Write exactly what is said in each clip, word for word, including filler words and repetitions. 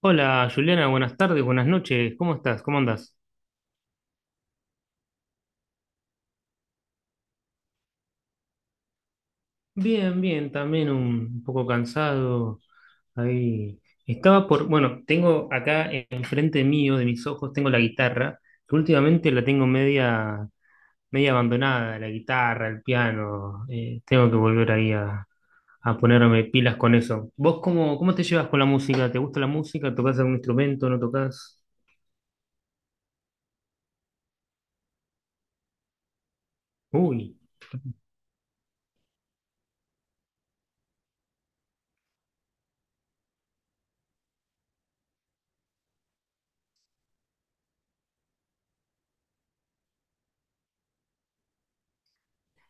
Hola Juliana, buenas tardes, buenas noches, ¿cómo estás? ¿Cómo andás? Bien, bien, también un poco cansado. Ahí estaba por, bueno, tengo acá enfrente mío, de mis ojos, tengo la guitarra, que últimamente la tengo media, media abandonada, la guitarra, el piano. Eh, tengo que volver ahí a, a ponerme pilas con eso. ¿Vos cómo, cómo te llevas con la música? ¿Te gusta la música? ¿Tocás algún instrumento? ¿No tocas? Uy.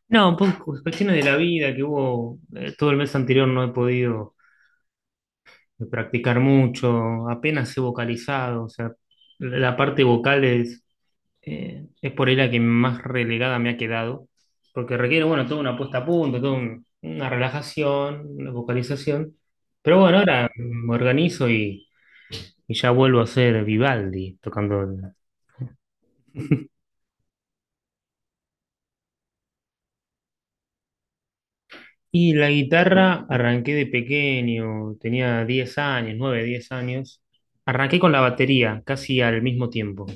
No, un poco cuestiones de la vida que hubo, eh, todo el mes anterior no he podido. De practicar mucho, apenas he vocalizado, o sea, la parte vocal es, eh, es por ahí la que más relegada me ha quedado, porque requiere, bueno, toda una puesta a punto, toda un- una relajación, una vocalización, pero bueno, ahora me organizo y, y ya vuelvo a ser Vivaldi tocando. el- Y la guitarra arranqué de pequeño, tenía diez años, nueve diez años, arranqué con la batería casi al mismo tiempo.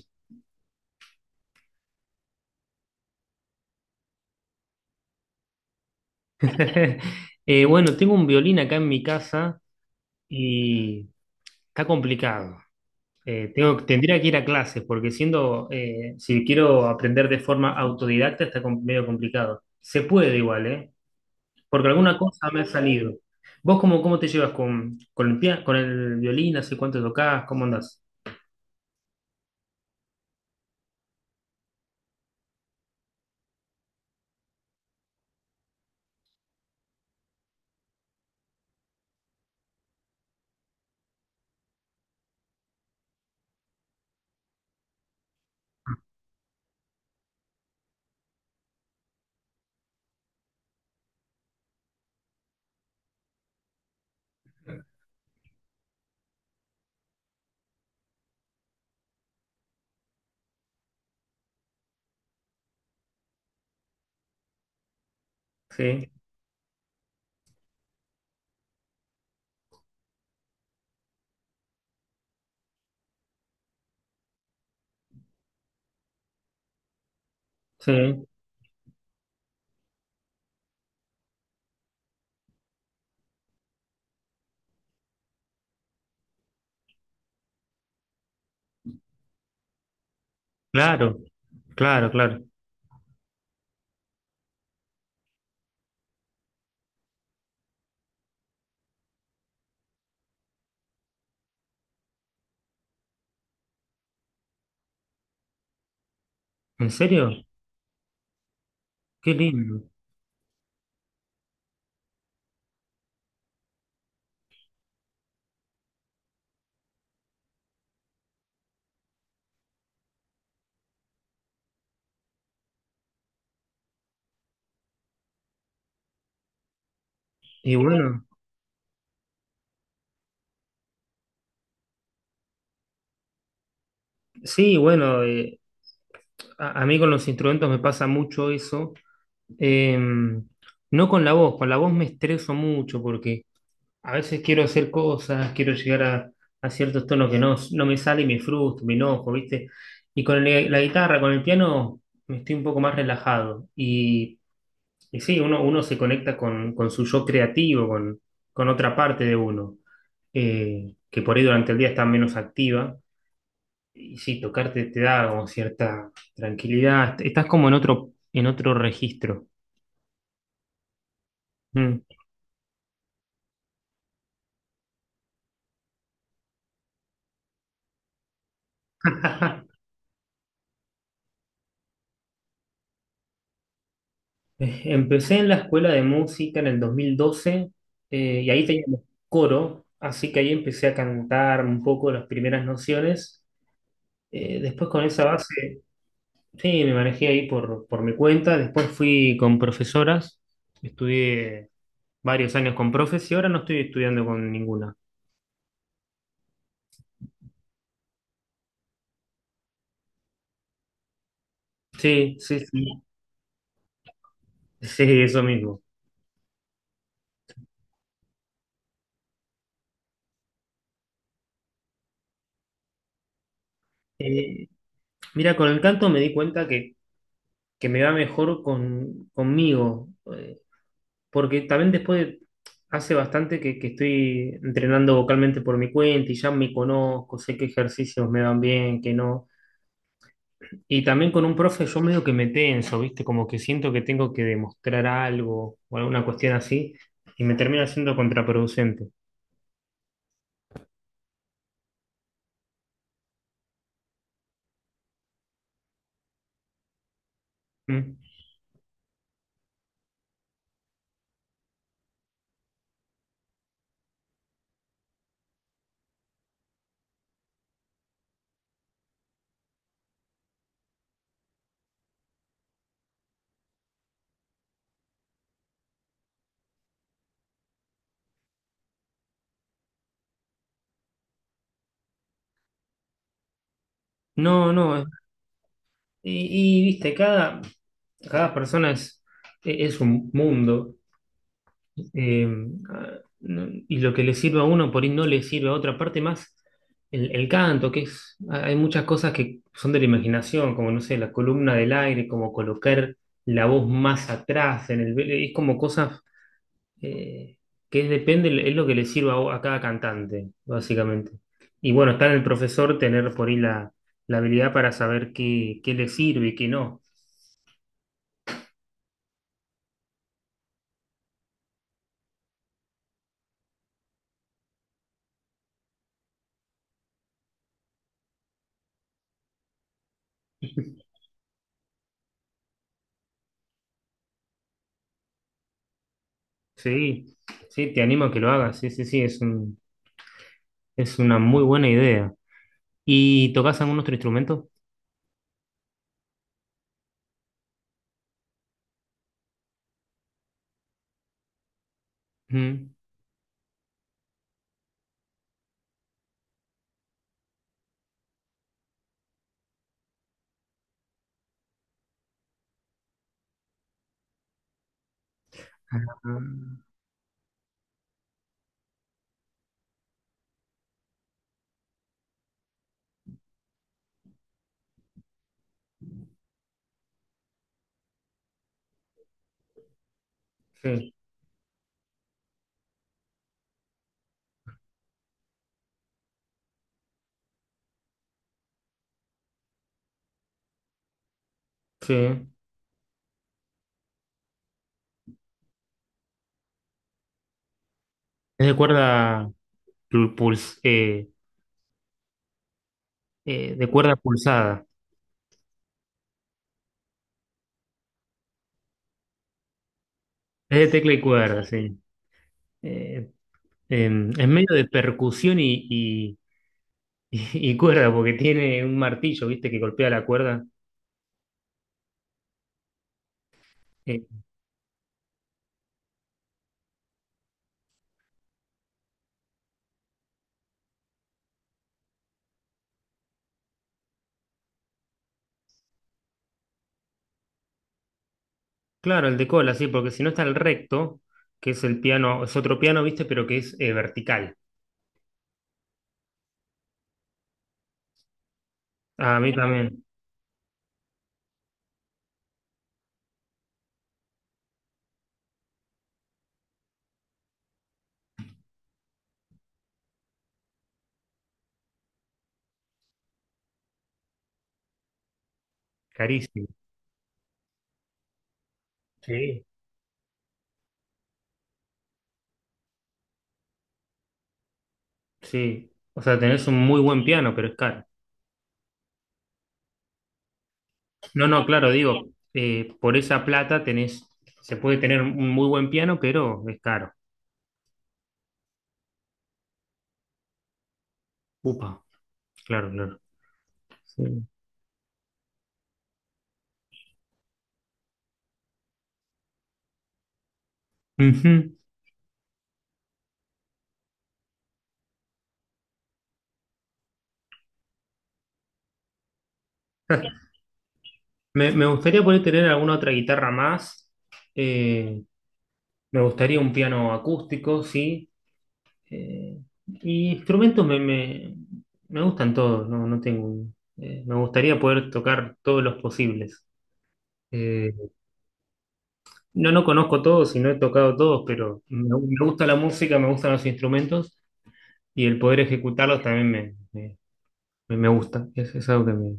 Eh, bueno, tengo un violín acá en mi casa y está complicado. Eh, tengo, tendría que ir a clases porque siendo, eh, si quiero aprender de forma autodidacta está com- medio complicado. Se puede igual, ¿eh? Porque alguna cosa me ha salido. ¿Vos cómo, cómo te llevas con, con el pia- con el violín? ¿Hace cuánto tocás? ¿Cómo andás? Sí, sí. Claro, claro, claro. ¿En serio? Qué lindo. Y bueno, sí, bueno, eh, a, a mí con los instrumentos me pasa mucho eso. Eh, no con la voz, con la voz me estreso mucho porque a veces quiero hacer cosas, quiero llegar a, a ciertos tonos que no, no me sale y me frustro, me enojo, ¿viste? Y con el- la guitarra, con el piano, me estoy un poco más relajado. Y, y sí, uno, uno se conecta con, con su yo creativo, con, con otra parte de uno, eh, que por ahí durante el día está menos activa. Y sí, tocarte te da como cierta tranquilidad, estás como en otro, en otro registro. Mm. Eh, Empecé en la escuela de música en el dos mil doce, eh, y ahí teníamos coro, así que ahí empecé a cantar un poco las primeras nociones. Eh, después con esa base, sí, me manejé ahí por, por mi cuenta. Después fui con profesoras, estudié varios años con profes y ahora no estoy estudiando con ninguna. Sí, sí, sí, sí, eso mismo. Eh, Mira, con el canto me di cuenta que, que me va mejor con, conmigo. Porque también después de- hace bastante que, que estoy entrenando vocalmente por mi cuenta y ya me conozco, sé qué ejercicios me van bien, qué no. Y también con un profe yo medio que me tenso, ¿viste? Como que siento que tengo que demostrar algo o alguna cuestión así y me termina siendo contraproducente. ¿Mm? No, no, es- Y, y, viste, cada, cada persona es, es un mundo. Eh, ah, no- y lo que le sirve a uno, por ahí no le sirve a otra parte más. El, el canto, que es, ah, hay muchas cosas que son de la imaginación, como no sé, la columna del aire, como colocar la voz más atrás en el, vele- es como cosas eh, que es- depende, es lo que le sirva a, a cada cantante, básicamente. Y bueno, está en el profesor tener por ahí la, la habilidad para saber qué, qué le sirve y qué no. Sí, sí, te animo a que lo hagas, sí, sí, sí, es un- es una muy buena idea. ¿Y tocas algún otro instrumento? Mm. Ah, sí, sí. Es de cuerda pul- puls- eh, eh, de cuerda pulsada. Es de tecla y cuerda, sí. Eh, em, es medio de percusión y, y- y y cuerda, porque tiene un martillo, ¿viste? Que golpea la cuerda. Eh, claro, el de cola, sí, porque si no está el recto, que es el piano, es otro piano, ¿viste? Pero que es eh, vertical. Ah, a mí también, carísimo. Sí. Sí. O sea, tenés un muy buen piano, pero es caro. No, no, claro, digo, eh, por esa plata tenés, se puede tener un muy buen piano, pero es caro. Upa, claro, claro. Sí. Ujú. Me, me gustaría poder tener alguna otra guitarra más. Eh, Me gustaría un piano acústico, sí. Eh, y instrumentos me, me, me gustan todos, no, no tengo. Un- eh, me gustaría poder tocar todos los posibles. Eh, no, no conozco todos y no he tocado todos, pero me, me gusta la música, me gustan los instrumentos. Y el poder ejecutarlos también me, me- me- me gusta. Es, es algo que me,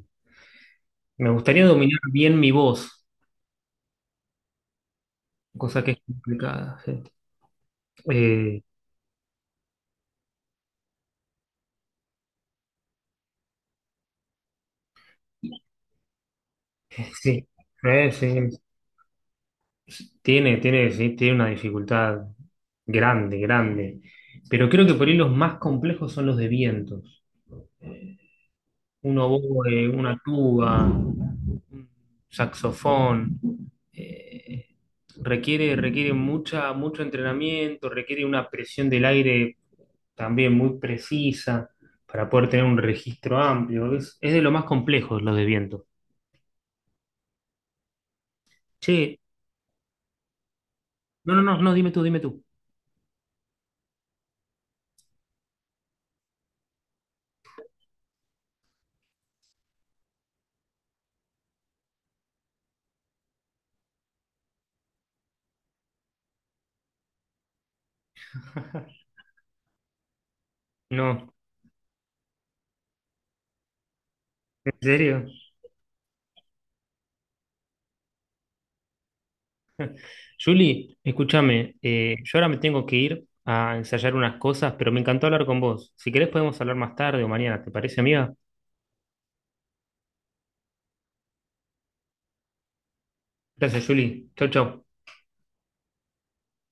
me gustaría dominar bien mi voz, cosa que es complicada. Sí, Eh, sí, eh, sí. Sí. Tiene, tiene, sí, tiene una dificultad grande, grande. Pero creo que por ahí los más complejos son los de vientos. Un oboe, una tuba, un saxofón. eh, Requiere, requiere mucha, mucho entrenamiento, requiere una presión del aire también muy precisa para poder tener un registro amplio. Es, es de lo más complejo lo de viento. Che, no, no, no, no, dime tú, dime tú. No, ¿en serio? Julie, escúchame, eh, yo ahora me tengo que ir a ensayar unas cosas, pero me encantó hablar con vos. Si querés podemos hablar más tarde o mañana, ¿te parece, amiga? Gracias, Julie. Chau, chau.